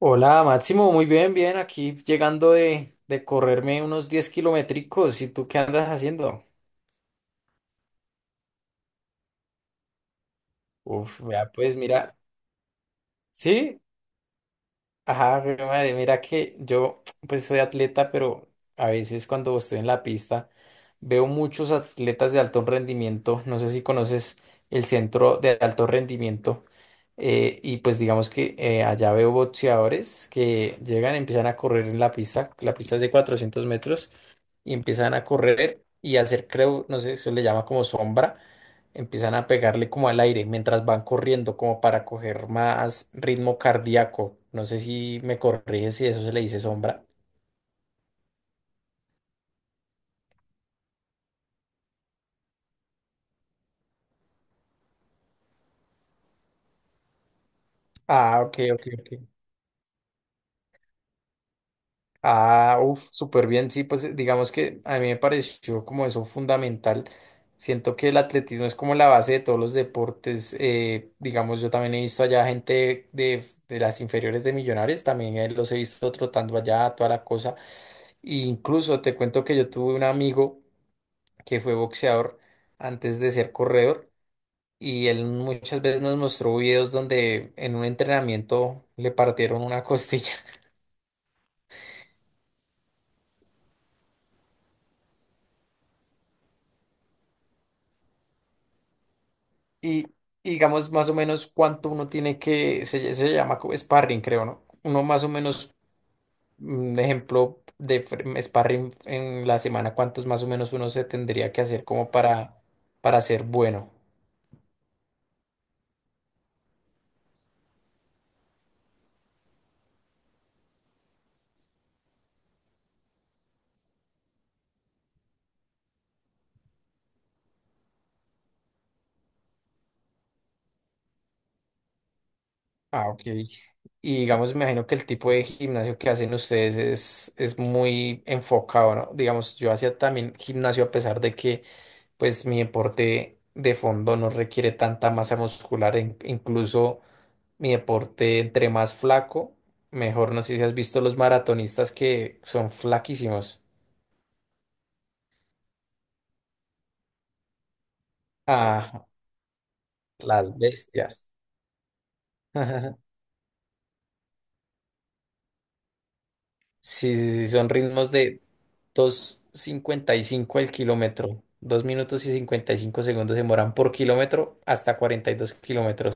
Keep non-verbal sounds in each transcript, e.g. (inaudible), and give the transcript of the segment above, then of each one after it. Hola, Máximo, muy bien, bien, aquí llegando de correrme unos 10 kilométricos. ¿Y tú qué andas haciendo? Uf, vea, pues mira, sí, ajá, jue madre, mira que yo pues soy atleta, pero a veces cuando estoy en la pista veo muchos atletas de alto rendimiento, no sé si conoces el centro de alto rendimiento, y pues digamos que allá veo boxeadores que llegan, empiezan a correr en la pista es de 400 metros, y empiezan a correr y hacer, creo, no sé, se le llama como sombra, empiezan a pegarle como al aire mientras van corriendo, como para coger más ritmo cardíaco. No sé si me corrige si eso se le dice sombra. Ah, ok, ok, ok. Ah, uff, súper bien. Sí, pues digamos que a mí me pareció como eso fundamental. Siento que el atletismo es como la base de todos los deportes. Eh, digamos, yo también he visto allá gente de las inferiores de Millonarios, también los he visto trotando allá, toda la cosa. Incluso te cuento que yo tuve un amigo que fue boxeador antes de ser corredor y él muchas veces nos mostró videos donde en un entrenamiento le partieron una (laughs) costilla. Y y digamos más o menos cuánto uno tiene que, se, se llama como sparring, creo, ¿no? Uno más o menos, un ejemplo de sparring en la semana, cuántos más o menos uno se tendría que hacer como para ser bueno. Ah, ok. Y digamos, me imagino que el tipo de gimnasio que hacen ustedes es muy enfocado, ¿no? Digamos, yo hacía también gimnasio a pesar de que, pues, mi deporte de fondo no requiere tanta masa muscular. Incluso mi deporte, entre más flaco, mejor. No sé si has visto los maratonistas que son flaquísimos. Ah, las bestias. (laughs) Sí, sí, sí, son ritmos de 2:55 el kilómetro. 2 minutos y 55 segundos se demoran por kilómetro hasta 42 kilómetros.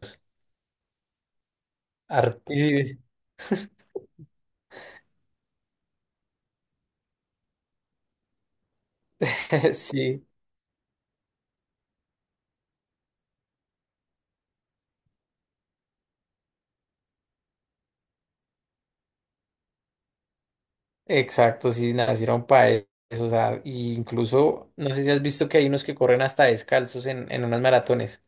Arti- (laughs) sí, exacto, sí, nacieron para eso. O sea, y incluso, no sé si has visto que hay unos que corren hasta descalzos en, unas maratones.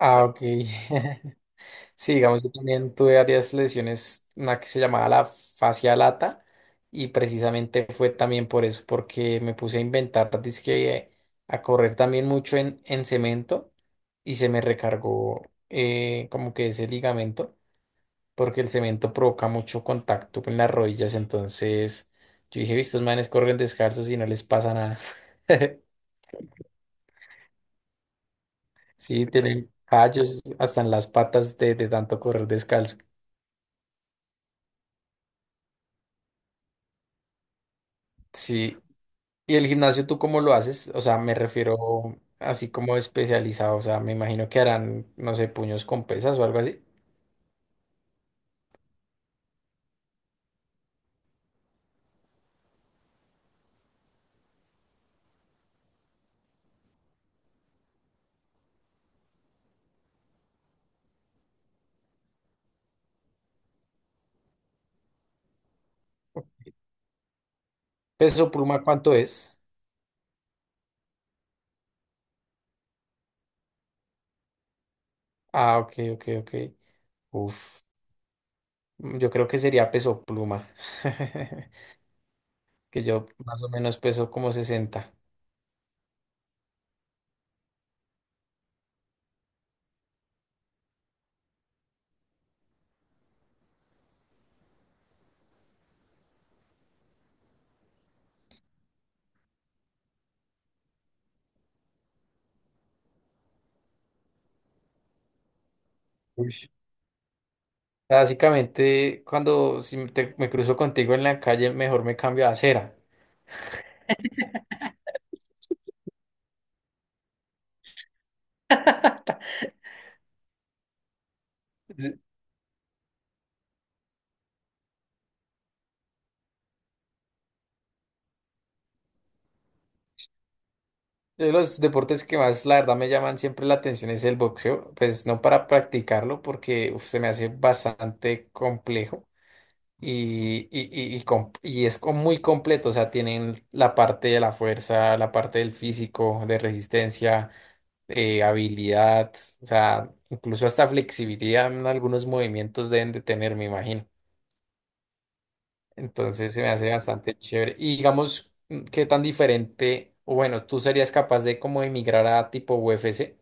Ah, ok. (laughs) Sí, digamos, yo también tuve varias lesiones, una que se llamaba la fascia lata, y precisamente fue también por eso, porque me puse a inventar, dizque a correr también mucho en cemento, y se me recargó como que ese ligamento, porque el cemento provoca mucho contacto con las rodillas, entonces yo dije, "Vi, estos manes corren descalzos y no les pasa nada." (laughs) Sí, tienen callos hasta en las patas de tanto correr descalzo. Sí, ¿y el gimnasio tú cómo lo haces? O sea, me refiero así como especializado, o sea, me imagino que harán, no sé, puños con pesas o algo así. ¿Peso pluma cuánto es? Ah, ok, ok, ok. Uf, yo creo que sería peso pluma, (laughs) que yo más o menos peso como 60. Uy. Básicamente, cuando si me cruzo contigo en la calle, mejor me cambio a acera. Yo los deportes que más, la verdad, me llaman siempre la atención es el boxeo, pues no para practicarlo porque uf, se me hace bastante complejo y es muy completo, o sea, tienen la parte de la fuerza, la parte del físico, de resistencia, habilidad, o sea, incluso hasta flexibilidad en algunos movimientos deben de tener, me imagino. Entonces se me hace bastante chévere. Y digamos, ¿qué tan diferente? O bueno, ¿tú serías capaz de como emigrar a tipo UFC?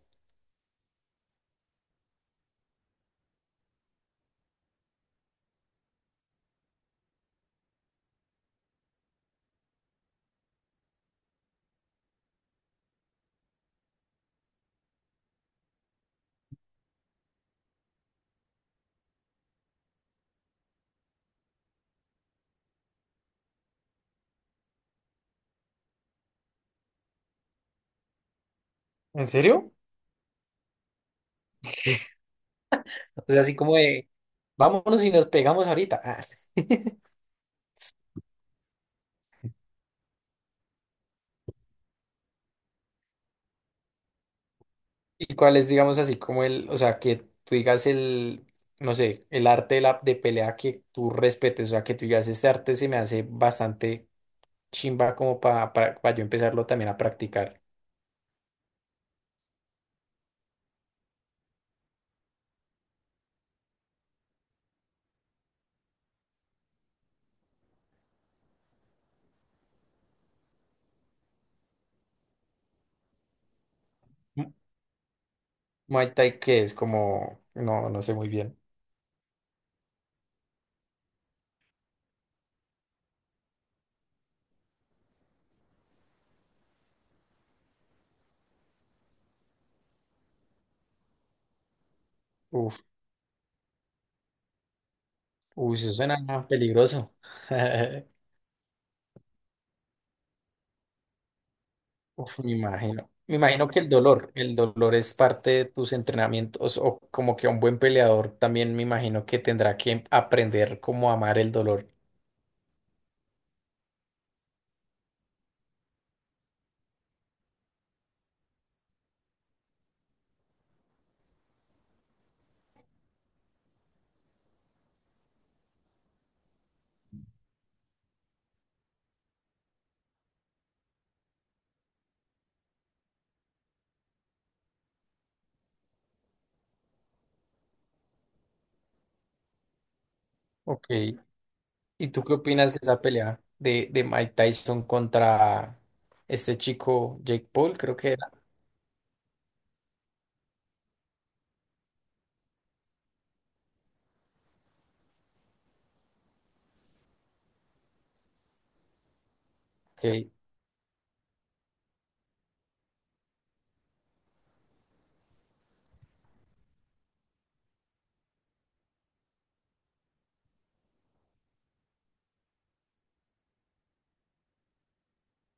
¿En serio? O sea, así como de, vámonos y nos pegamos ahorita. Ah. (laughs) ¿Y cuál es, digamos, así como el, o sea, que tú digas el, no sé, el arte de, la, de pelea que tú respetes? O sea, que tú digas, este arte se me hace bastante chimba como para yo empezarlo también a practicar. Mu- Muay Thai, que es como, no, no sé muy bien. Uy, eso suena peligroso. (laughs) Uf, me imagino. Me imagino que el dolor es parte de tus entrenamientos o como que un buen peleador también me imagino que tendrá que aprender cómo amar el dolor. Ok. ¿Y tú qué opinas de esa pelea de Mike Tyson contra este chico Jake Paul? Creo que era. Ok.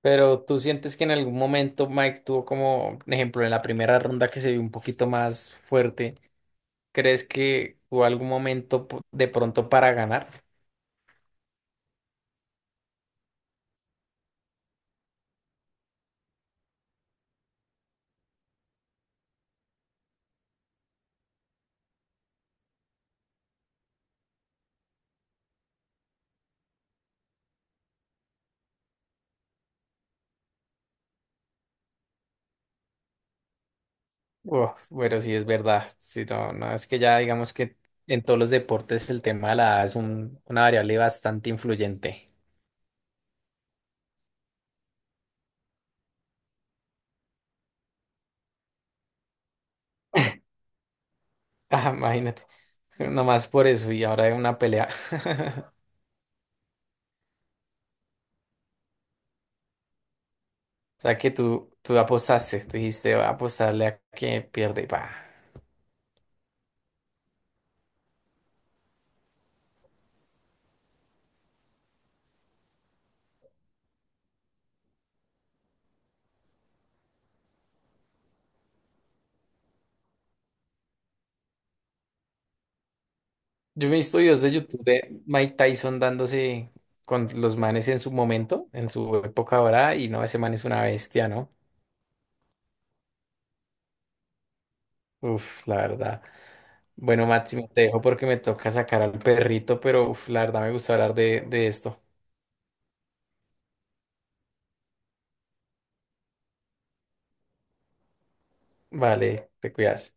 Pero tú sientes que en algún momento Mike tuvo como, por ejemplo, en la primera ronda que se vio un poquito más fuerte. ¿Crees que hubo algún momento de pronto para ganar? Uf, bueno, sí es verdad. Sí, no, no, es que ya digamos que en todos los deportes el tema de la edad es una variable bastante influyente. (laughs) Ah, imagínate. Nomás por eso y ahora hay una pelea. (laughs) O sea que tú apostaste, tú dijiste, "Voy a apostarle a que pierde. Pa." Yo me he visto videos de YouTube de Mike Tyson dándose con los manes en su momento, en su época ahora, y no, ese man es una bestia, ¿no? Uf, la verdad. Bueno, Máximo, te dejo porque me toca sacar al perrito, pero uf, la verdad me gusta hablar de esto. Vale, te cuidas.